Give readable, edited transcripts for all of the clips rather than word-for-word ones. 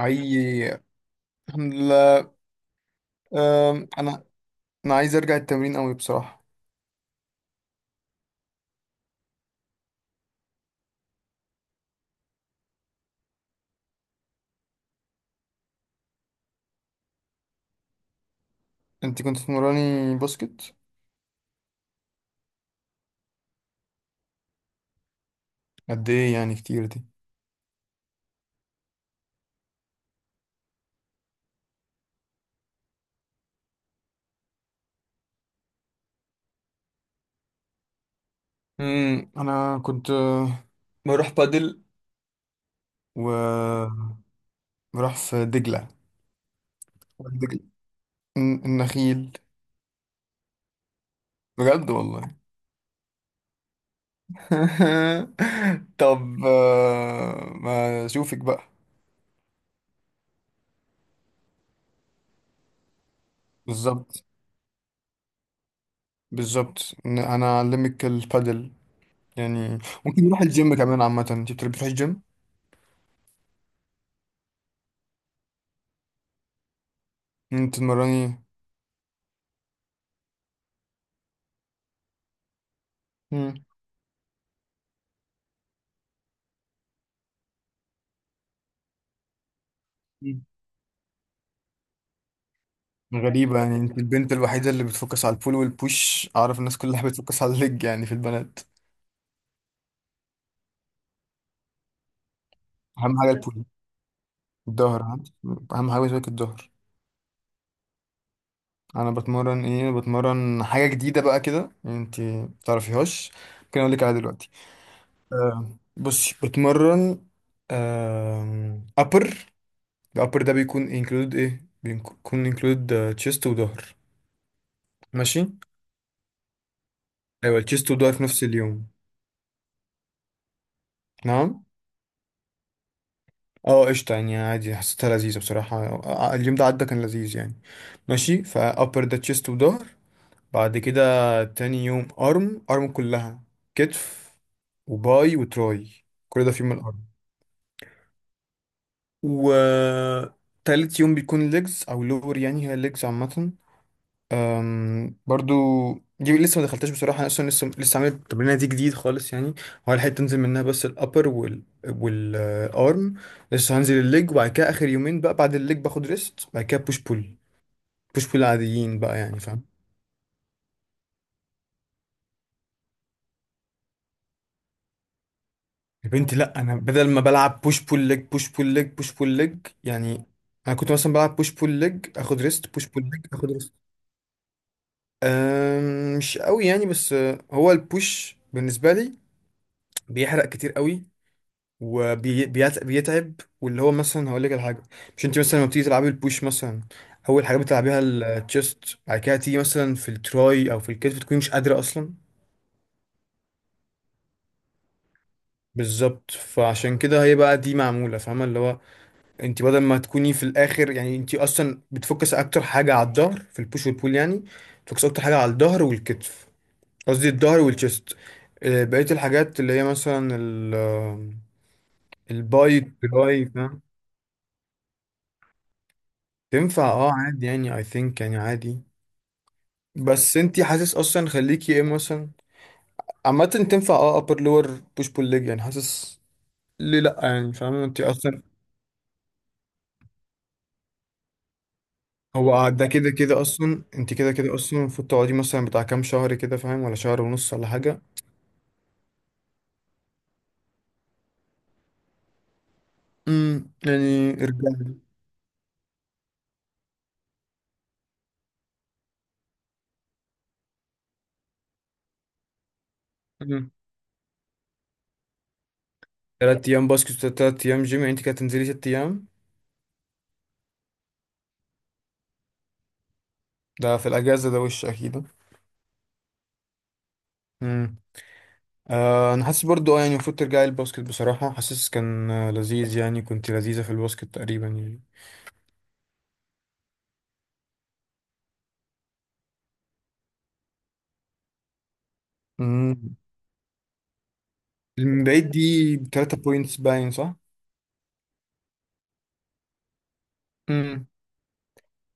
حقيقي. الحمد لله. أم، انا انا عايز ارجع التمرين قوي بصراحه. انت كنت تمراني باسكت؟ قد ايه يعني كتير دي؟ انا كنت بروح بادل و بروح في دجله. دجله، النخيل. بجد والله. طب، ما اشوفك بقى. بالظبط، بالظبط. إن انا اعلمك البادل يعني. ممكن نروح الجيم كمان، عامه انت بتروحي الجيم؟ انت تمرني. مم. غريبة يعني، انت البنت الوحيدة اللي بتفوكس على البول والبوش. اعرف الناس كلها بتفوكس على الليج يعني، في البنات. اهم حاجة البول. الظهر ها؟ اهم حاجة بالنسبة لك الظهر. انا بتمرن ايه؟ بتمرن حاجة جديدة بقى كده انت متعرفيهاش. ممكن اقول لك عليها دلوقتي. بصي، بتمرن ابر. الابر ده بيكون انكلود ايه؟ بيكون انكلود تشيست وظهر. ماشي. ايوه، التشيست وظهر في نفس اليوم. نعم. اه، قشطة يعني عادي، حسيتها لذيذة بصراحة. اليوم ده عدى كان لذيذ يعني. ماشي، فأبر ده تشيست وظهر. بعد كده تاني يوم أرم، أرم كلها: كتف وباي وتراي، كل ده في يوم الأرم. وتالت يوم بيكون ليجز أو لور، يعني هي ليجز عامة. برضو، دي لسه ما دخلتهاش بصراحه، انا اصلا لسه عامل التمرينه دي جديد خالص يعني. هو الحته تنزل منها بس الابر والارم، لسه هنزل الليج. وبعد كده اخر يومين بقى بعد الليج باخد ريست. بعد كده بوش بول، بوش بول عاديين بقى يعني، فاهم؟ يا بنتي لا، انا بدل ما بلعب بوش بول ليج، بوش بول ليج، بوش بول ليج يعني، انا كنت مثلا بلعب بوش بول ليج، اخد ريست، بوش بول ليج، اخد ريست. مش قوي يعني، بس هو البوش بالنسبه لي بيحرق كتير قوي وبيتعب. واللي هو مثلا، هقول لك على حاجه، مش انت مثلا لما بتيجي تلعبي البوش مثلا، اول حاجه بتلعبيها التشيست، بعد كده تيجي مثلا في التراي او في الكتف تكوني مش قادره اصلا. بالظبط، فعشان كده هي بقى دي معموله، فاهمه؟ اللي هو انت بدل ما تكوني في الاخر يعني، انت اصلا بتفكس اكتر حاجه على الظهر في البوش والبول يعني. بتفكس اكتر حاجه على الظهر والكتف، قصدي الظهر والتشيست. بقيه الحاجات اللي هي مثلا الباي تراي، فاهم. تنفع اه، عادي يعني. I think يعني عادي، بس انتي حاسس اصلا خليكي ايه مثلا. عامة تنفع اه upper lower push pull leg يعني، حاسس ليه لأ يعني، فاهمة انتي اصلا. هو ده كده كده اصلا، انتي كده كده اصلا المفروض تقعدي مثلا بتاع كام شهر كده، فاهم؟ ولا شهر ونص، ولا حاجة. يعني ارجعي. امم تلات ايام باسكت، تلات ايام جيم يعني، انتي كده تنزلي 6 ايام. ده في الاجازة ده وش اكيد. امم انا حاسس برضو اه، يعني المفروض ترجعي الباسكت بصراحة. حاسس كان لذيذ يعني، كنت لذيذة في الباسكت تقريبا يعني. مم. من بعيد دي 3 بوينتس باين، صح؟ امم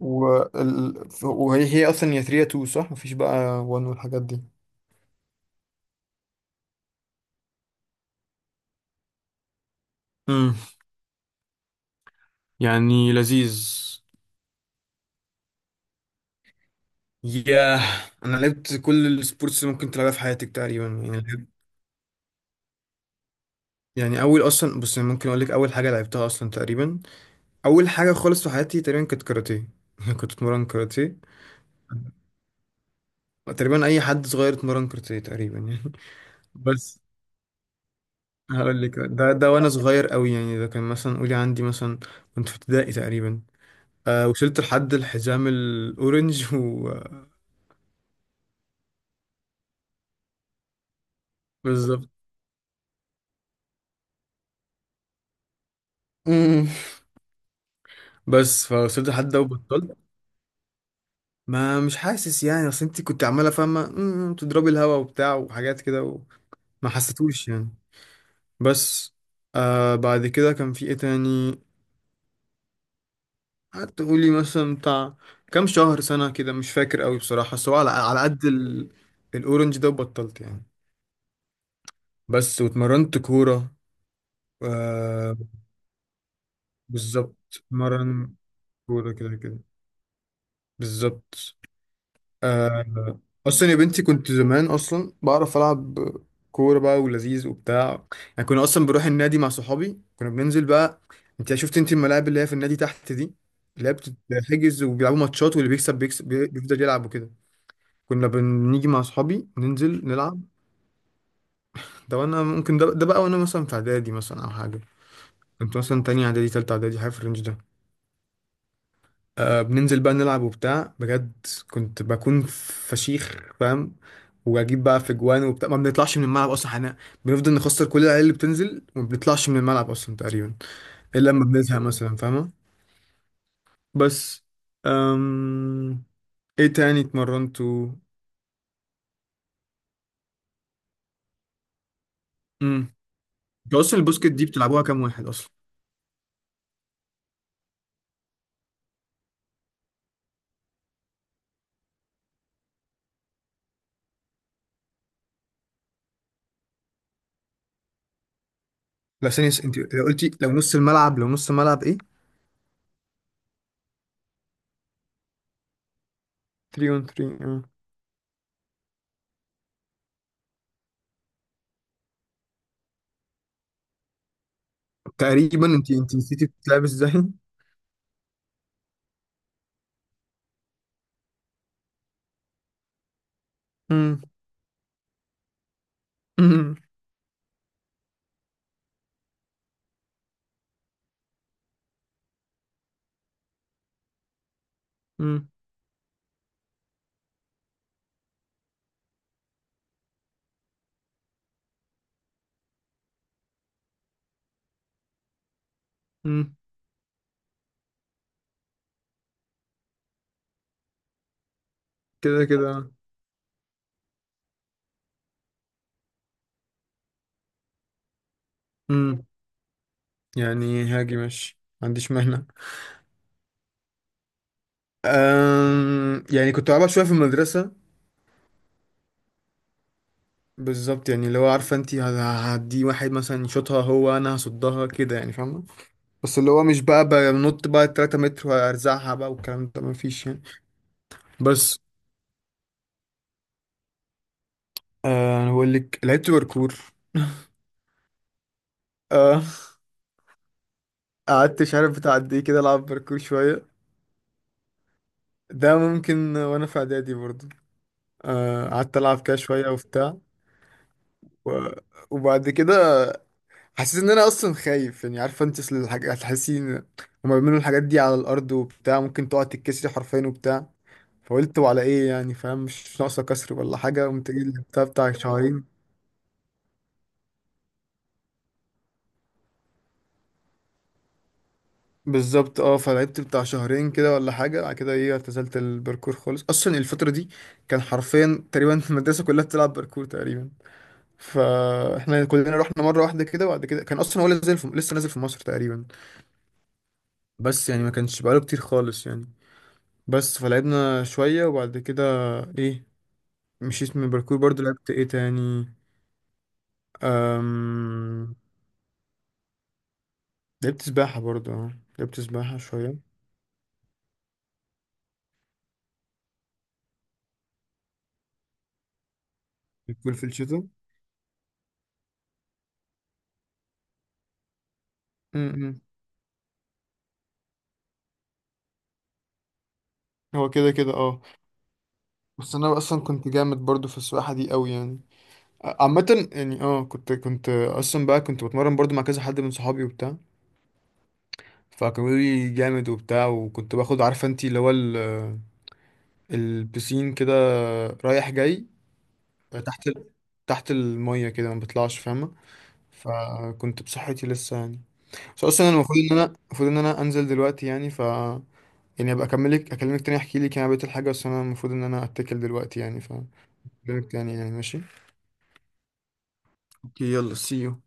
وهي اصلا يا 3 يا 2، صح؟ مفيش بقى 1 والحاجات دي. امم يعني لذيذ. ياه، انا لعبت كل السبورتس اللي ممكن تلعبها في حياتك تقريبا يعني، لعبت يعني. اول اصلا، بص أنا ممكن اقول لك اول حاجه لعبتها اصلا تقريبا، اول حاجه خالص في حياتي تقريبا كانت كاراتيه. كنت اتمرن كاراتيه. تقريبا اي حد صغير اتمرن كاراتيه تقريبا يعني. بس هقول لك، ده وانا صغير قوي يعني، ده كان مثلا قولي عندي مثلا كنت في ابتدائي تقريبا. وصلت لحد الحزام الاورنج و بالظبط. امم بس فوصلت لحد ده وبطلت. ما مش حاسس يعني، اصل انت كنت عماله فاهمه تضربي الهوا وبتاع وحاجات كده وما حسيتوش يعني. بس بعد كده كان في ايه تاني؟ قعدت قولي مثلا بتاع كام شهر سنه كده، مش فاكر قوي بصراحه. بس هو على قد الاورنج ده وبطلت يعني. بس، واتمرنت كورة. آه بالظبط، مرن كورة كده كده. بالظبط. آه أصلا يا بنتي كنت زمان أصلا بعرف ألعب كورة بقى، ولذيذ وبتاع يعني. كنا أصلا بروح النادي مع صحابي، كنا بننزل بقى. أنت شفت أنت الملاعب اللي هي في النادي تحت دي، اللي هي بتتحجز وبيلعبوا ماتشات، واللي بيكسب بيكسب، بيفضل يلعب وكده. كنا بنيجي مع صحابي ننزل نلعب. ده وأنا ممكن ده بقى وأنا مثلا في إعدادي مثلا أو حاجة، كنت مثلا تانية إعدادي تالتة إعدادي، حاجة في الرينج ده. بننزل بقى نلعب وبتاع بجد. كنت بكون فشيخ فاهم، واجيب بقى في جوان وبتاع، ما بنطلعش من الملعب اصلا احنا، بنفضل نخسر كل العيال اللي بتنزل وما بنطلعش من الملعب اصلا تقريبا الا لما بنزهق مثلا، فاهمه. بس أم... ايه تاني اتمرنتوا؟ امم انتوا اصلا البوسكت دي بتلعبوها كام واحد اصلا؟ لا ثانيه، انت لو قلتي لو نص الملعب ايه؟ 3 on 3، اه. تقريبا انت، نسيتي بتلعب ازاي. امم امم امم كده كده. امم يعني هاجي ماشي، ما عنديش مانع. يعني كنت بلعبها شويه في المدرسه. بالظبط، يعني اللي هو عارفه انت، هدي واحد مثلا يشوطها هو انا هصدها كده يعني، فاهمه. بس اللي هو مش بقى بنط بقى 3 متر وارزعها بقى والكلام ده، ما فيش يعني. بس انا بقول لك لعبت باركور. أه... قعدت مش عارف بتاع قد ايه كده العب باركور شويه. ده ممكن وانا في اعدادي برضه. قعدت العب كده شويه وبتاع. و... وبعد كده حسيت ان انا اصلا خايف يعني، عارفه انت اصل هتحسين، هما بيعملوا الحاجات دي على الارض وبتاع، ممكن تقعد تتكسري حرفيا وبتاع. فقلت وعلى ايه يعني، فاهم؟ مش ناقصه كسر ولا حاجه. قمت جاي لعبتها بتاع شهرين. بالظبط اه، فلعبت بتاع شهرين كده ولا حاجه. بعد كده ايه، اعتزلت الباركور خالص اصلا الفتره دي. كان حرفيا تقريبا المدرسه كلها بتلعب باركور تقريبا، فاحنا كلنا رحنا مره واحده كده. وبعد كده كان اصلا هو لسه نازل في مصر تقريبا، بس يعني ما كانش بقاله كتير خالص يعني. بس فلعبنا شوية وبعد كده ايه، مشيت من الباركور. برضو لعبت ايه تاني؟ أم... لعبت سباحة برضو اه، لعبت سباحة شوية. بتكون في الشتاء. م-م. هو كده كده اه. بس انا اصلا كنت جامد برضو في السباحة دي قوي يعني. عامة يعني اه، كنت اصلا بقى كنت بتمرن برضو مع كذا حد من صحابي وبتاع، فكانوا بيقولوا لي جامد وبتاع. وكنت باخد عارفة انتي اللي هو البسين كده رايح جاي تحت ال- تحت المية كده، ما بطلعش فاهمة. فكنت بصحتي لسه يعني. بس اصلا انا المفروض ان انا انزل دلوقتي يعني، يعني ابقى اكلمك تاني، احكي لك يعني بقيت الحاجه. بس انا المفروض ان انا اتكل دلوقتي يعني، فاكلمك تاني يعني. ماشي، اوكي، يلا سي يو.